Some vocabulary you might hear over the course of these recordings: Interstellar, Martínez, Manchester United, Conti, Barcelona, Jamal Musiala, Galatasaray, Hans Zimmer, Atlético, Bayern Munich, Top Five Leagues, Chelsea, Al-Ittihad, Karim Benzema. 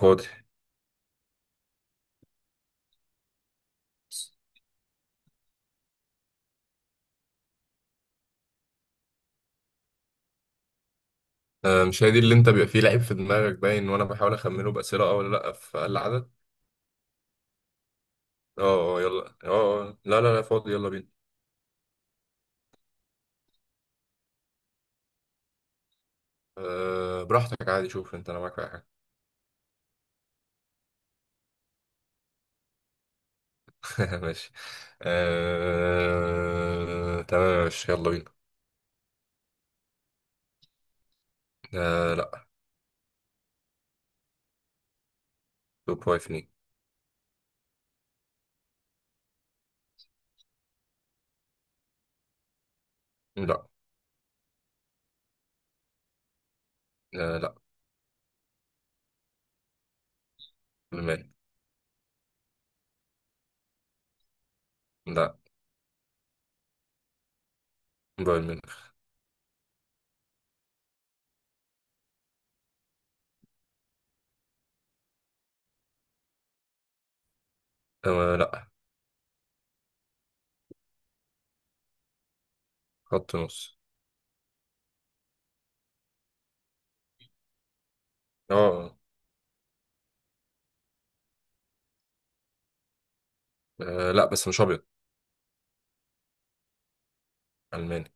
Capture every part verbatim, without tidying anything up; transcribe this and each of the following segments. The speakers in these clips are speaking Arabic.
فاضي؟ آه، مش هي دي اللي انت بيبقى فيه لعيب في دماغك باين وانا بحاول اخمنه بأسئلة، اه ولا لا، في اقل عدد. اه اه، يلا اه. آه. آه. لا لا لا فاضي، يلا بينا. أه، براحتك عادي، شوف انت، انا معاك في اي حاجة. ماشي. أه تمام، ماشي يلا بينا. أه لا. توب فايف ليه؟ لا. أه لا. المان. لا. بايرن ميونخ. أه لا. خط نص. اه آه. آه، لا بس مش ابيض. الماني.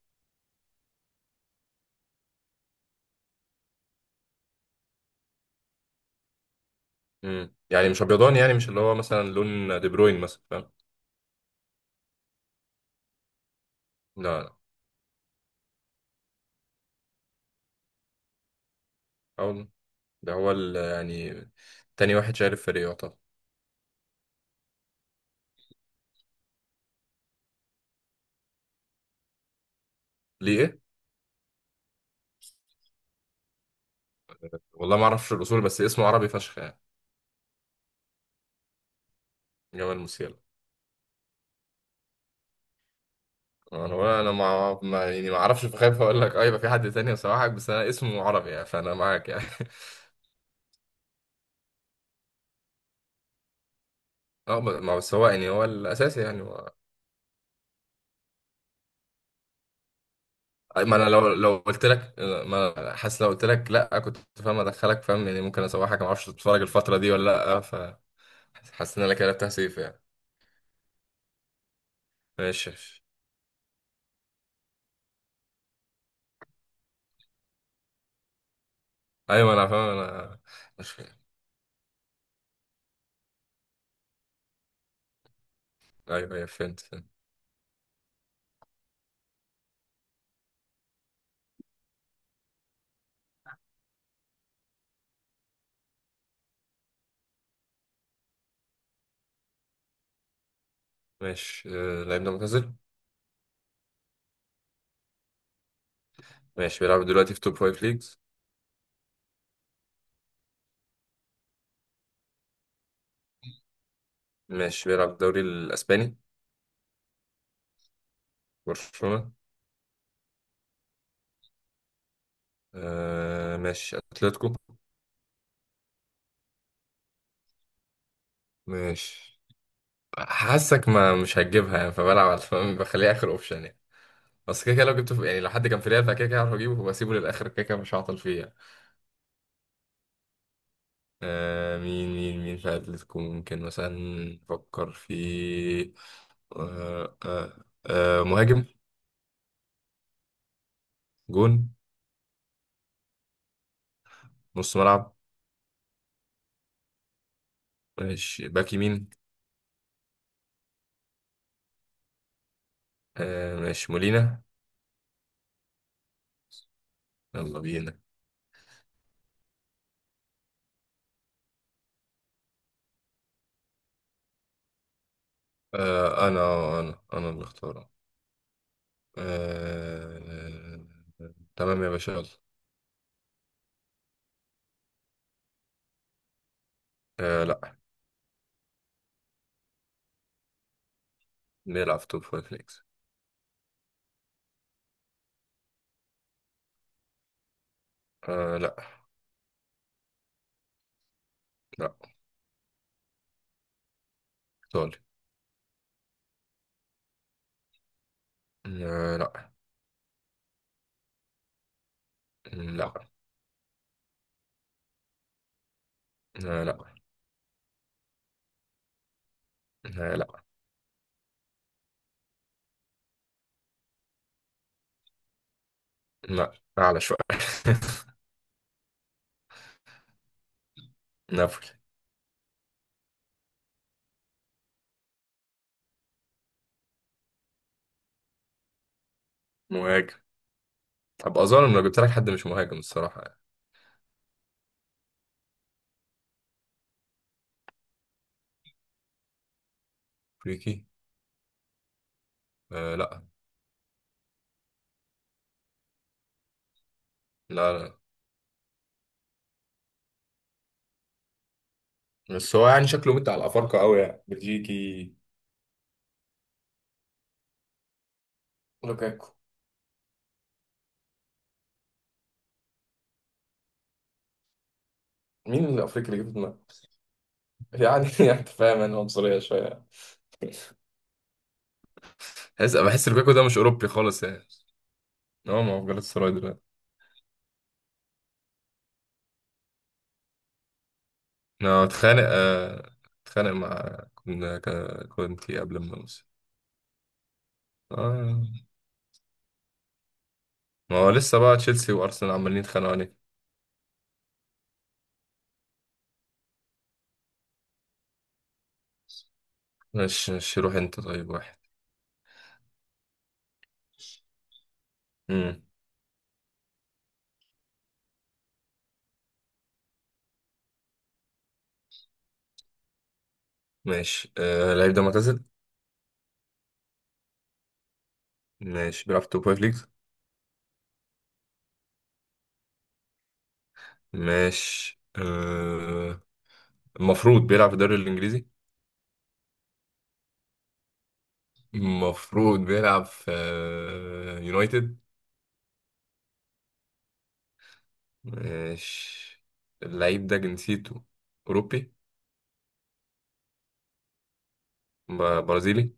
مم. يعني مش ابيضاني، يعني مش اللي هو مثلا لون دي بروين مثلا، فاهم؟ لا. لا ده هو ال- يعني تاني واحد شايل الفريق يعتبر. ليه ايه؟ والله ما اعرفش الاصول، بس اسمه عربي فشخ يعني. جمال موسيالا. انا ولا انا ما ما- يعني ما اعرفش، فخايف اقول لك اه يبقى في حد تاني يصححك، بس انا اسمه عربي يعني، فانا معاك يعني. اه ما ما بس هو يعني هو الاساسي يعني هو. ما انا لو لو قلت لك، ما أنا حاسس لو قلت لك لا كنت فاهم ادخلك، فاهم يعني؟ ممكن اصححك، ما اعرفش تتفرج الفتره دي ولا لا. فحاسس ان انا كده تهسيف يعني. ماشي ماشي. ايوه انا فاهم، انا مش فاهم. ايوه ايوه فهمت. ماشي آه، اللاعب ده معتزل؟ ماشي بيلعب دلوقتي في توب فايف ليجز؟ ماشي بيلعب في الدوري الاسباني؟ برشلونة. آه ماشي، اتلتيكو. ماشي. حاسك ما مش هتجيبها يعني، فبلعب على فاهم؟ بخليها اخر اوبشن يعني. بس كده كده لو جبته في، يعني لو حد كان في ريال، فكده كده هعرف اجيبه وبسيبه للاخر، كده كده مش هعطل فيه يعني. آه، مين مين مين في اتلتيكو ممكن مثلا نفكر في؟ آه آه آه مهاجم؟ جون؟ نص ملعب؟ ماشي باك يمين. آه ماشي، مولينا. يلا بينا. آه انا، انا انا اللي اختاره. آه تمام يا باشا، يلا. آه لا. نلعب في توب فايف ليجز. آه لا. لا. ايطالي. آه لا. لا. آه لا. آه لا. آه، لا. اعلى شوية. نابولي. مهاجم. هبقى ظالم لو جبت لك حد مش مهاجم الصراحة يعني. افريقي. آه لا. لا لا. بس هو يعني شكله مد على الافارقة قوي يعني. بلجيكي. لوكاكو. مين الافريقي اللي جبت دماغه؟ يعني يعني انت فاهم انا عنصرية شوية. بحس بحس لوكاكو ده مش اوروبي خالص يعني. هو ما هو في جالاتا سراي دلوقتي. انا اتخانق آه، اتخانق مع كنا كا- كونتي قبل ما نوصل. آه. ما هو لسه بقى تشيلسي وارسنال عمالين يتخانقوا عليك. ماشي ماشي، روح انت طيب واحد. امم. ماشي آه، اللعيب ده معتزل؟ ماشي بيلعب في توب فايف ليجز؟ ماشي آه، المفروض بيلعب في الدوري الانجليزي؟ المفروض بيلعب في آه، يونايتد. ماشي. اللعيب ده جنسيته اوروبي؟ ب- برازيلي؟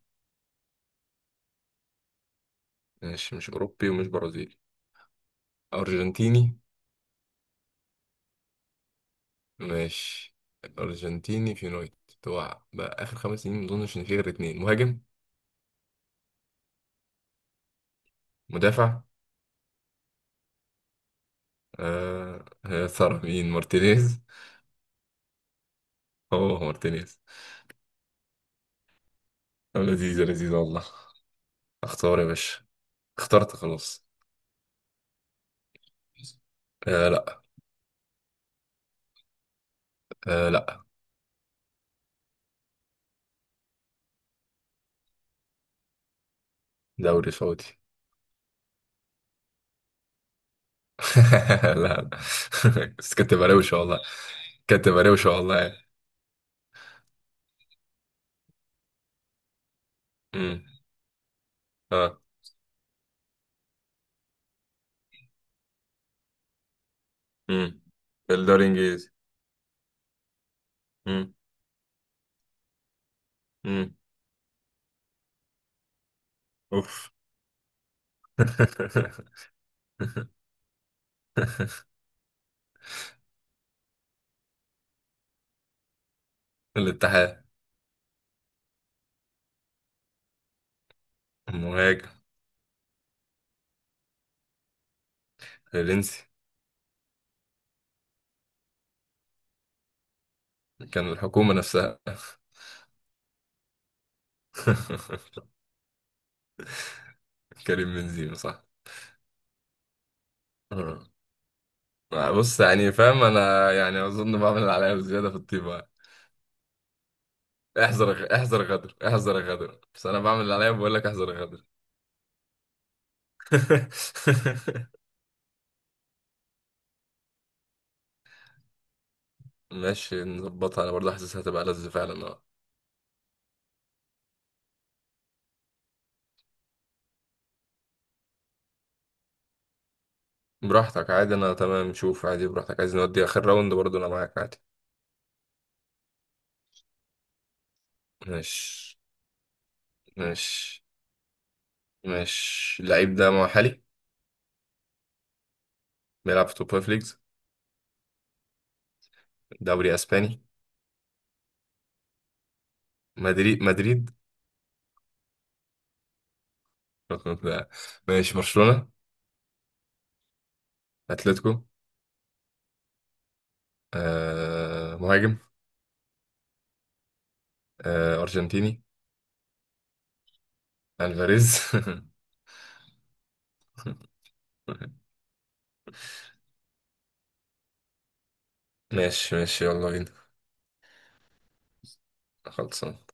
ماشي مش أوروبي ومش برازيلي. أرجنتيني. ماشي أرجنتيني في يونايتد. هو بقى آخر خمس سنين ما أظنش إن في غير اتنين مهاجم. مدافع. آه آه، ثرى مين؟ مارتينيز. هو مارتينيز. لذيذة لذيذة والله. اختار يا باشا. اخترت خلاص. آه لا. آه لا. دوري سعودي. لا لا. بس كانت تبقى روشة والله. كانت تبقى روشة والله يعني. امم. اه. امم. الدوري الانجليزي. امم. امم. اوف. الاتحاد. المهاجم. الفرنسي. كان الحكومة نفسها. كريم بنزيما صح. آه. بص يعني فاهم انا، يعني اظن بعمل اللي عليا بزيادة في الطيبة. احذر احذر غدر، احذر غدر، بس انا بعمل اللي عليا، بقول لك احذر غدر. ماشي نظبطها، انا برضه حاسسها هتبقى لذة فعلا اه. براحتك عادي، انا تمام، شوف عادي براحتك، عايز نودي اخر راوند برضه انا معاك عادي. ماشي. ماشي. ماشي اللعيب ده محلي؟ بيلعب في توب فايف ليجز؟ دوري اسباني؟ مدريد؟ مدريد. لا، ماشي برشلونة. اتلتيكو. آه مهاجم. آه ارجنتيني. الفاريز. ماشي ماشي يلا بينا. خلصان.